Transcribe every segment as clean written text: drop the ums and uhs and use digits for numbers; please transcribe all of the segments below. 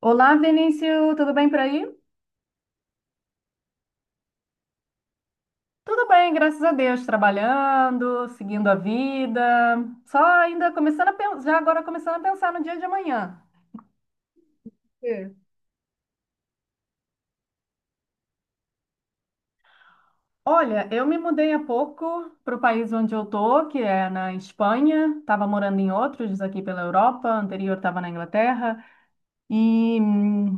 Olá, Vinícius, tudo bem por aí? Tudo bem, graças a Deus, trabalhando, seguindo a vida, só ainda começando a pensar, já agora começando a pensar no dia de amanhã. É. Olha, eu me mudei há pouco para o país onde eu tô, que é na Espanha. Estava morando em outros aqui pela Europa, anterior estava na Inglaterra e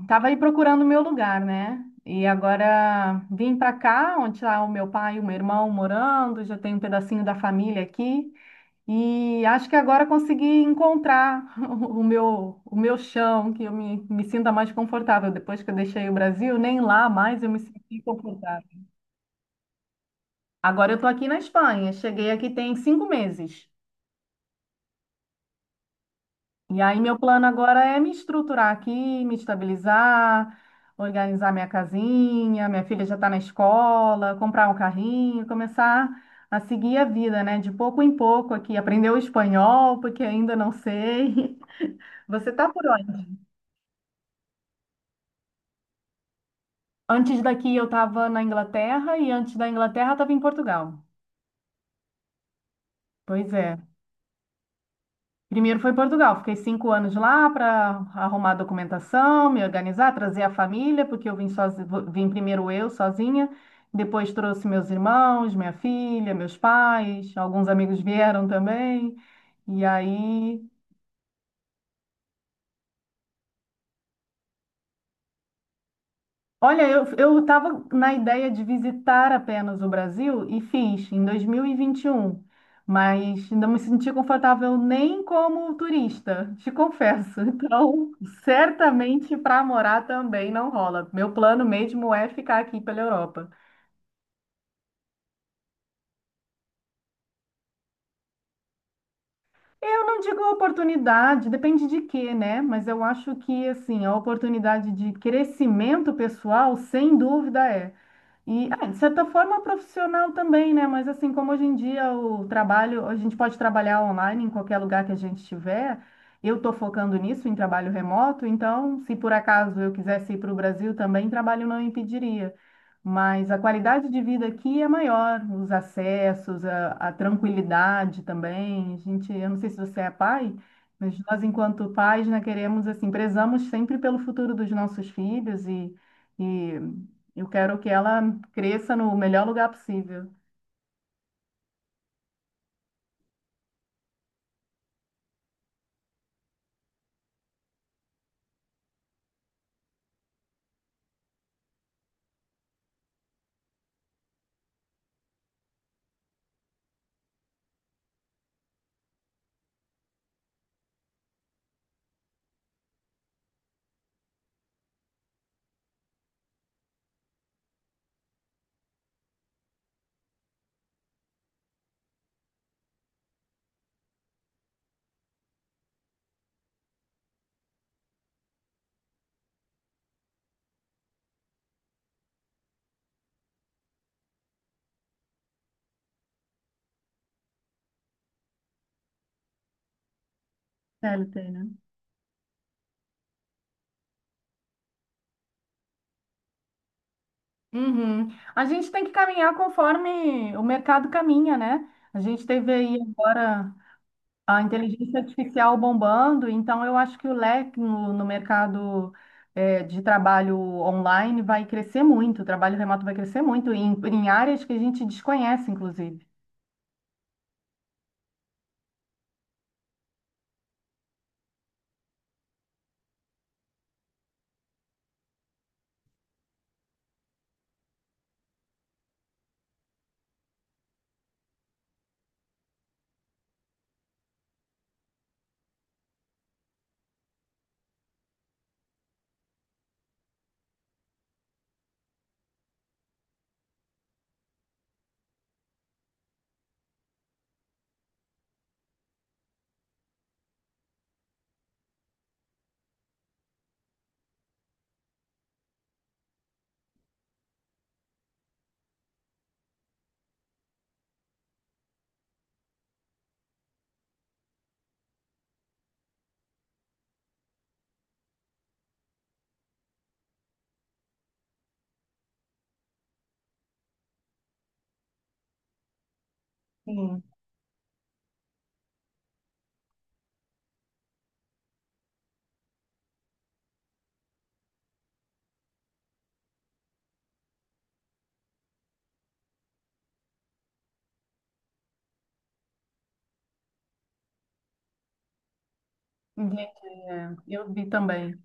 estava aí procurando o meu lugar, né? E agora vim para cá, onde está o meu pai e o meu irmão morando, já tenho um pedacinho da família aqui. E acho que agora consegui encontrar o meu chão, que eu me sinta mais confortável. Depois que eu deixei o Brasil, nem lá mais eu me senti confortável. Agora eu estou aqui na Espanha, cheguei aqui tem 5 meses. E aí meu plano agora é me estruturar aqui, me estabilizar, organizar minha casinha, minha filha já está na escola, comprar um carrinho, começar a seguir a vida, né? De pouco em pouco aqui, aprender o espanhol, porque ainda não sei. Você está por onde? Antes daqui eu estava na Inglaterra e antes da Inglaterra estava em Portugal. Pois é. Primeiro foi Portugal, fiquei 5 anos lá para arrumar documentação, me organizar, trazer a família, porque eu vim primeiro eu sozinha, depois trouxe meus irmãos, minha filha, meus pais, alguns amigos vieram também. E aí. Olha, eu estava na ideia de visitar apenas o Brasil e fiz em dois mil e vinte e um, mas não me senti confortável nem como turista, te confesso. Então, certamente para morar também não rola. Meu plano mesmo é ficar aqui pela Europa. Eu não digo oportunidade, depende de quê, né? Mas eu acho que assim, a oportunidade de crescimento pessoal, sem dúvida é. E, ah, de certa forma, profissional também, né? Mas, assim, como hoje em dia o trabalho, a gente pode trabalhar online em qualquer lugar que a gente estiver, eu estou focando nisso, em trabalho remoto, então, se por acaso eu quisesse ir para o Brasil também, trabalho não impediria. Mas a qualidade de vida aqui é maior, os acessos, a tranquilidade também. A gente, eu não sei se você é pai, mas nós, enquanto pais, né, queremos, assim, prezamos sempre pelo futuro dos nossos filhos e. E eu quero que ela cresça no melhor lugar possível. CLT, né? Uhum. A gente tem que caminhar conforme o mercado caminha, né? A gente teve aí agora a inteligência artificial bombando, então eu acho que o leque no mercado de trabalho online vai crescer muito, o trabalho remoto vai crescer muito, em áreas que a gente desconhece, inclusive. Sim. Entendi, é. Eu vi também.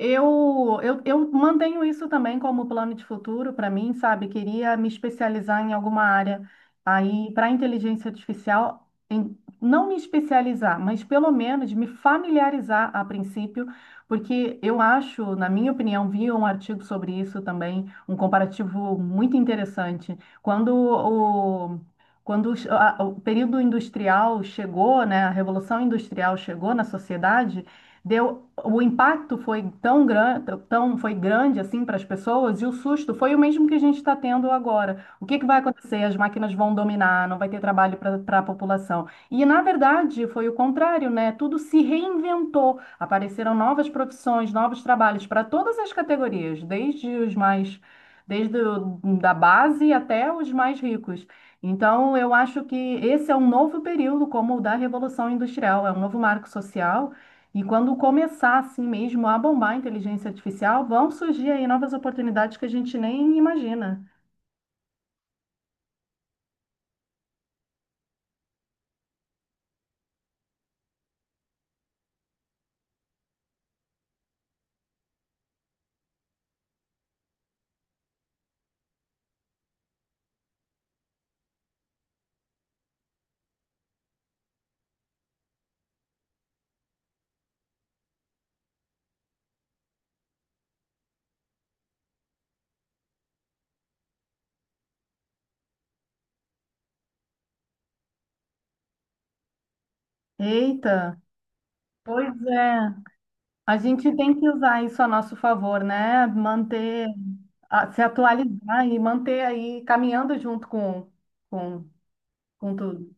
Eu mantenho isso também como plano de futuro para mim, sabe? Queria me especializar em alguma área aí para inteligência artificial, não me especializar, mas pelo menos me familiarizar a princípio, porque eu acho, na minha opinião, vi um artigo sobre isso também, um comparativo muito interessante. Quando o Quando os- a- o período industrial chegou, né, a revolução industrial chegou na sociedade, deu o impacto foi tão grande, tão foi grande assim para as pessoas e o susto foi o mesmo que a gente está tendo agora. O que que vai acontecer? As máquinas vão dominar, não vai ter trabalho para a população. E na verdade foi o contrário, né? Tudo se reinventou, apareceram novas profissões, novos trabalhos para todas as categorias, desde os mais desde o, da base até os mais ricos. Então, eu acho que esse é um novo período, como o da Revolução Industrial, é um novo marco social e quando começar assim mesmo a bombar a inteligência artificial, vão surgir aí novas oportunidades que a gente nem imagina. Eita, pois é. A gente tem que usar isso a nosso favor, né? Manter, se atualizar e manter aí caminhando junto com, com, com tudo.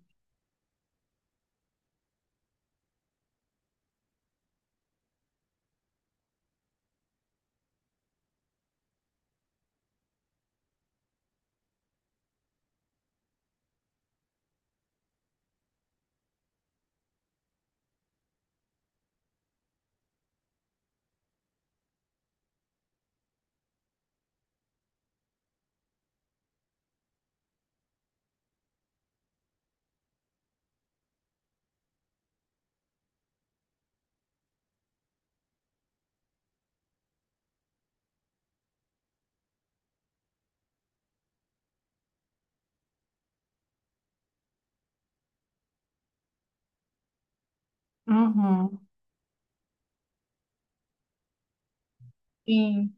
Uhum. Sim.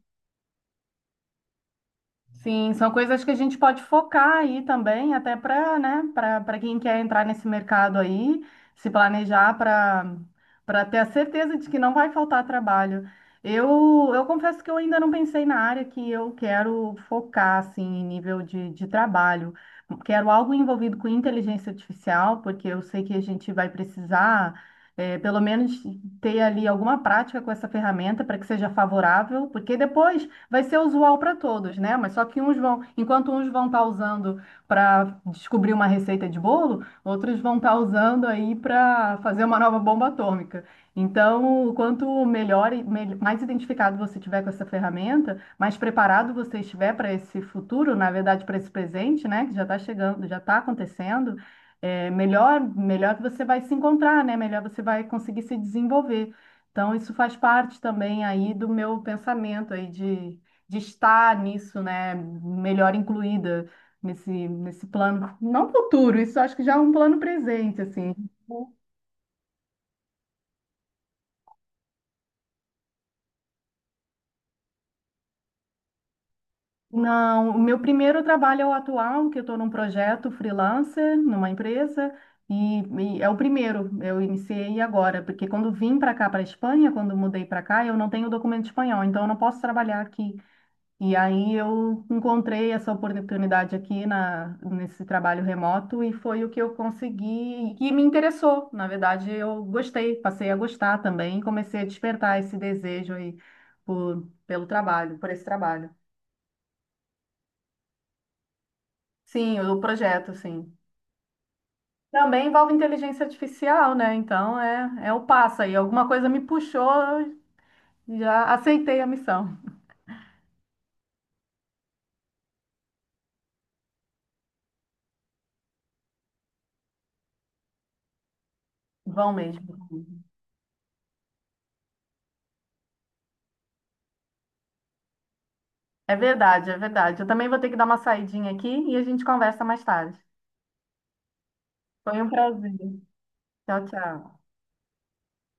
Sim, são coisas que a gente pode focar aí também, até para, né, para quem quer entrar nesse mercado aí, se planejar para ter a certeza de que não vai faltar trabalho. Eu confesso que eu ainda não pensei na área que eu quero focar, assim, em nível de trabalho. Quero algo envolvido com inteligência artificial, porque eu sei que a gente vai precisar, pelo menos, ter ali alguma prática com essa ferramenta para que seja favorável, porque depois vai ser usual para todos, né? Mas só que uns vão, enquanto uns vão estar usando para descobrir uma receita de bolo, outros vão estar usando aí para fazer uma nova bomba atômica. Então, quanto melhor, e mais identificado você tiver com essa ferramenta, mais preparado você estiver para esse futuro, na verdade, para esse presente, né? Que já está chegando, já está acontecendo. É, melhor, melhor que você vai se encontrar, né? Melhor você vai conseguir se desenvolver. Então, isso faz parte também aí do meu pensamento aí de estar nisso, né, melhor incluída nesse plano, não futuro, isso acho que já é um plano presente, assim. Não, o meu primeiro trabalho é o atual, que eu estou num projeto freelancer, numa empresa, e, e é o primeiro, eu iniciei agora, porque quando vim para cá, para a Espanha, quando mudei para cá, eu não tenho documento espanhol, então eu não posso trabalhar aqui. E aí eu encontrei essa oportunidade aqui nesse trabalho remoto e foi o que eu consegui e me interessou. Na verdade, eu gostei, passei a gostar também e comecei a despertar esse desejo aí pelo trabalho, por esse trabalho. Sim, o projeto, sim. Também envolve inteligência artificial, né? Então é o passo aí. Alguma coisa me puxou, eu já aceitei a missão. Vão mesmo. É verdade, é verdade. Eu também vou ter que dar uma saidinha aqui e a gente conversa mais tarde. Foi um prazer. Tchau, tchau.